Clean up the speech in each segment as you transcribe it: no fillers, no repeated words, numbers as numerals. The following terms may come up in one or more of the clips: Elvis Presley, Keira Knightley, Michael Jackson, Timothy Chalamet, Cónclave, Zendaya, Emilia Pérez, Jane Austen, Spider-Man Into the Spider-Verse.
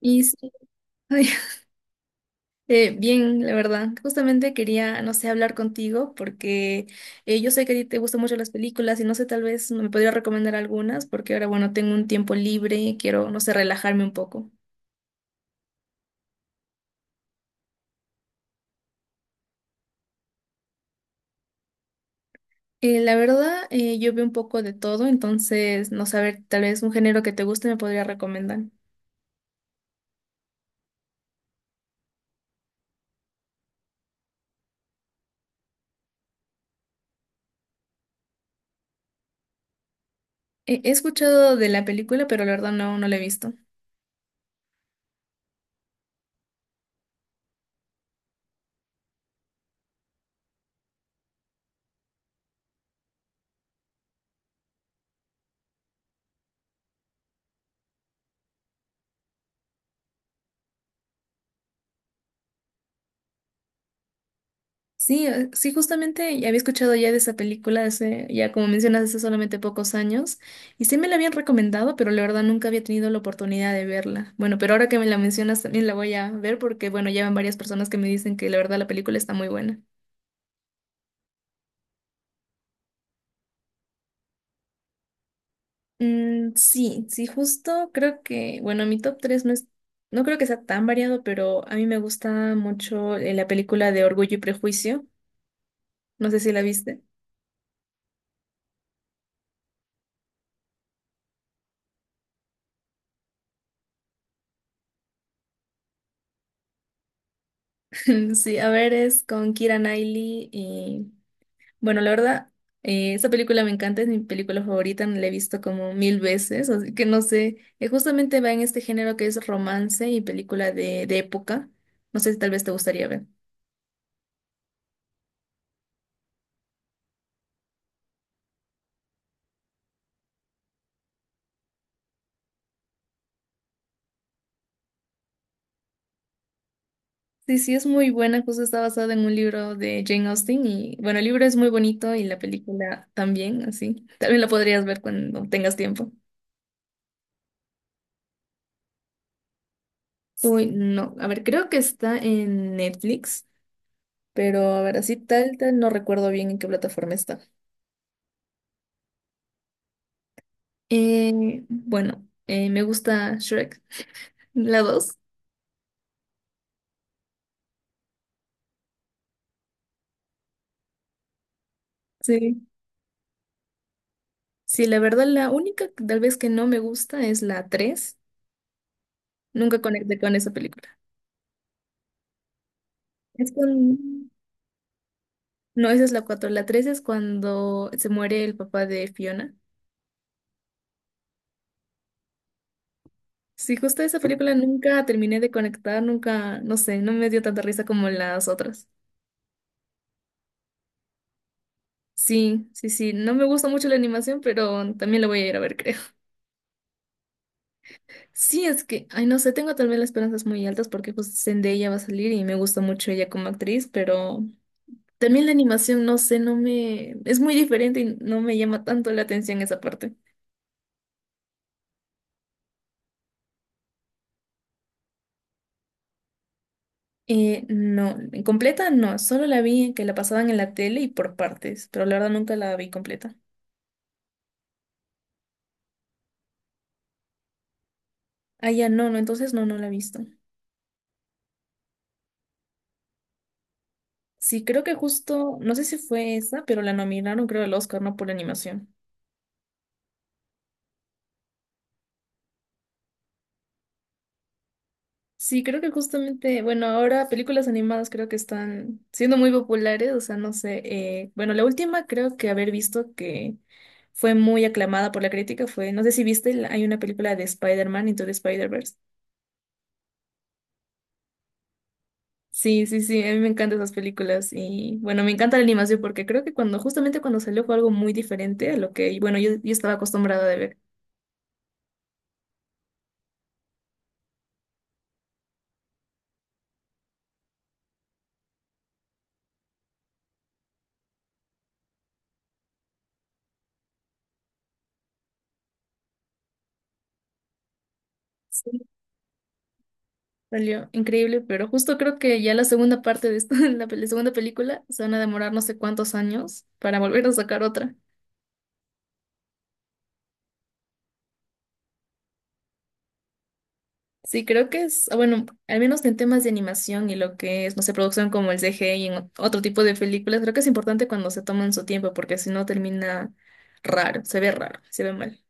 Y sí, ay, bien, la verdad. Justamente quería, no sé, hablar contigo porque yo sé que a ti te gustan mucho las películas y no sé, tal vez me podría recomendar algunas porque ahora, bueno, tengo un tiempo libre, quiero, no sé, relajarme un poco. La verdad, yo veo un poco de todo, entonces, no saber, tal vez un género que te guste me podría recomendar. He escuchado de la película, pero la verdad no, no la he visto. Sí, sí, justamente ya había escuchado ya de esa película hace, ya como mencionas, hace solamente pocos años, y sí me la habían recomendado, pero la verdad nunca había tenido la oportunidad de verla. Bueno, pero ahora que me la mencionas también la voy a ver porque, bueno, ya van varias personas que me dicen que la verdad la película está muy buena. Mm, sí, sí, justo creo que, bueno, mi top 3 no es, no creo que sea tan variado, pero a mí me gusta mucho la película de Orgullo y Prejuicio. No sé si la viste. Sí, a ver, es con Keira Knightley. Bueno, la verdad, esa película me encanta, es mi película favorita, la he visto como mil veces, así que no sé, justamente va en este género que es romance y película de época, no sé si tal vez te gustaría ver. Sí, sí, es muy buena, justo está basada en un libro de Jane Austen y bueno, el libro es muy bonito y la película también, así, tal vez la podrías ver cuando tengas tiempo. Uy, no, a ver, creo que está en Netflix, pero a ver, así tal, no recuerdo bien en qué plataforma está. Bueno, me gusta Shrek, la dos. Sí. Sí, la verdad, la única que tal vez que no me gusta es la 3. Nunca conecté con esa película. Es con... No, esa es la 4. La 3 es cuando se muere el papá de Fiona. Sí, justo esa película nunca terminé de conectar, nunca, no sé, no me dio tanta risa como las otras. Sí, sí, sí, no me gusta mucho la animación, pero también la voy a ir a ver, creo. Sí, es que, ay, no sé, tengo también las esperanzas muy altas porque pues Zendaya va a salir y me gusta mucho ella como actriz, pero también la animación, no sé, no me... es muy diferente y no me llama tanto la atención esa parte. No, en completa no, solo la vi que la pasaban en la tele y por partes, pero la verdad nunca la vi completa. Ah, ya no, no, entonces no, no la he visto. Sí, creo que justo, no sé si fue esa, pero la nominaron creo al Oscar, ¿no? Por animación. Sí, creo que justamente, bueno, ahora películas animadas creo que están siendo muy populares, o sea, no sé, bueno, la última creo que haber visto que fue muy aclamada por la crítica fue, no sé si viste, hay una película de Spider-Man Into the Spider-Verse. Sí, sí, sí, a mí me encantan esas películas y bueno, me encanta la animación porque creo que cuando, justamente cuando salió fue algo muy diferente a lo que, bueno, yo estaba acostumbrada de ver. Salió increíble, pero justo creo que ya la segunda parte de esto, la segunda película, se van a demorar no sé cuántos años para volver a sacar otra. Sí, creo que es, ah, bueno, al menos en temas de animación y lo que es, no sé, producción como el CGI y en otro tipo de películas, creo que es importante cuando se toman su tiempo, porque si no termina raro, se ve mal.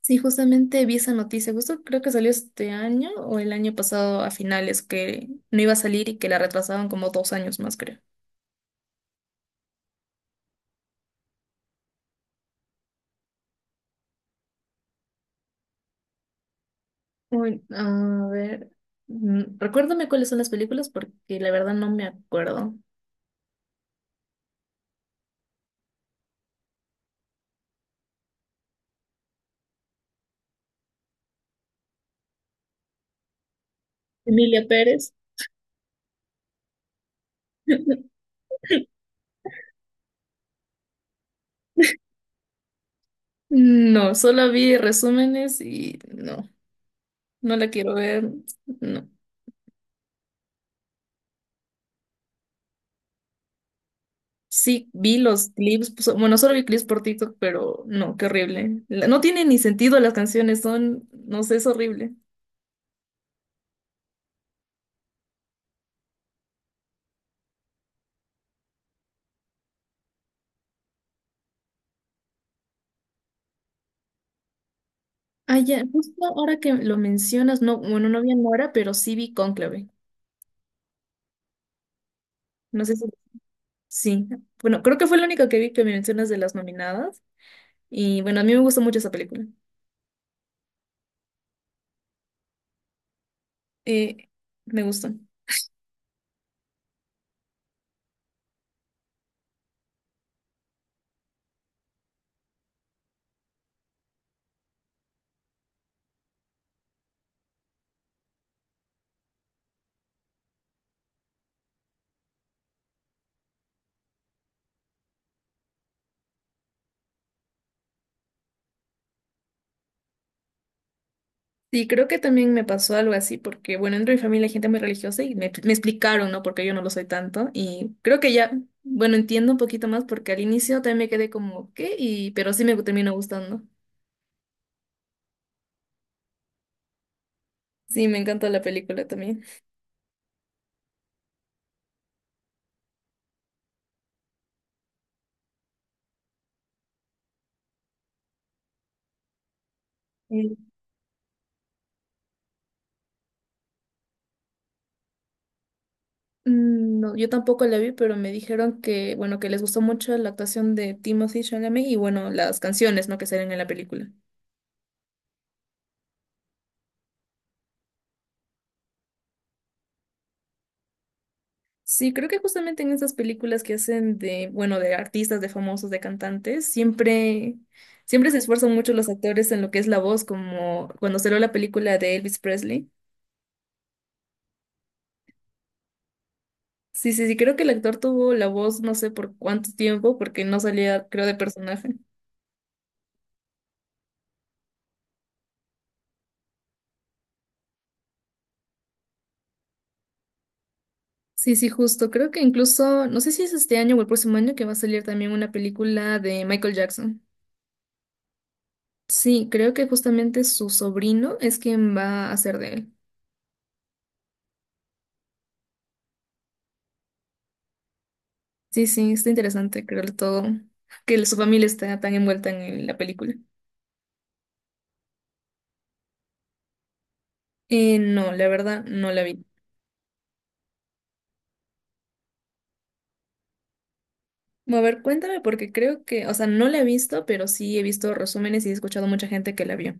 Sí, justamente vi esa noticia, justo creo que salió este año o el año pasado a finales, que no iba a salir y que la retrasaban como dos años más, creo. Uy, a ver, mm, recuérdame cuáles son las películas porque la verdad no me acuerdo. Emilia Pérez. No, solo vi resúmenes y no, no la quiero ver. No. Sí, vi los clips, pues, bueno, solo vi clips por TikTok, pero no, qué horrible. La... no tiene ni sentido las canciones, son, no sé, es horrible. Ah, ya, justo ahora que lo mencionas, no, bueno, no vi Nora, pero sí vi Cónclave. No sé si, sí. Bueno, creo que fue la única que vi que me mencionas de las nominadas. Y bueno, a mí me gustó mucho esa película. Eh, me gustó. Y creo que también me pasó algo así, porque bueno, dentro de mi familia hay gente muy religiosa y me explicaron, ¿no? Porque yo no lo soy tanto. Y creo que ya, bueno, entiendo un poquito más porque al inicio también me quedé como, ¿qué? Y, pero sí me terminó gustando. Sí, me encanta la película también. Sí. Mm, no, yo tampoco la vi, pero me dijeron que, bueno, que les gustó mucho la actuación de Timothy Chalamet y bueno, las canciones, ¿no? Que salen en la película. Sí, creo que justamente en esas películas que hacen de, bueno, de artistas, de famosos, de cantantes, siempre, siempre se esfuerzan mucho los actores en lo que es la voz, como cuando salió la película de Elvis Presley. Sí, sí, sí, creo que el actor tuvo la voz no sé por cuánto tiempo, porque no salía, creo, de personaje. Sí, sí, justo. Creo que incluso, no sé si es este año o el próximo año que va a salir también una película de Michael Jackson. Sí, creo que justamente su sobrino es quien va a hacer de él. Sí, sí, está interesante creo todo, que su familia está tan envuelta en la película. No, la verdad, no la vi. Bueno, a ver, cuéntame porque creo que, o sea, no la he visto, pero sí he visto resúmenes y he escuchado mucha gente que la vio.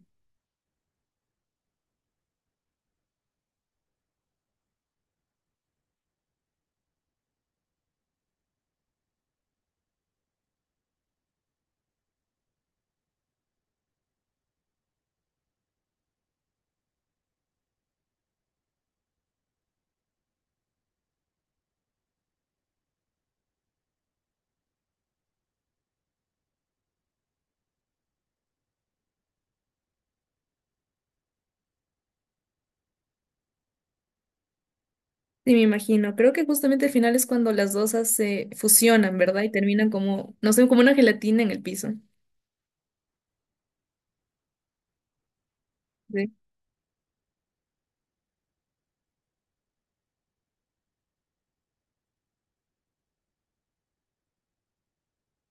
Sí, me imagino. Creo que justamente el final es cuando las dos se fusionan, ¿verdad? Y terminan como, no sé, como una gelatina en el piso. Sí.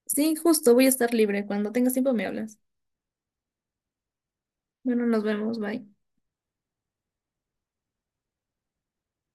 Sí, justo, voy a estar libre. Cuando tengas tiempo me hablas. Bueno, nos vemos, bye.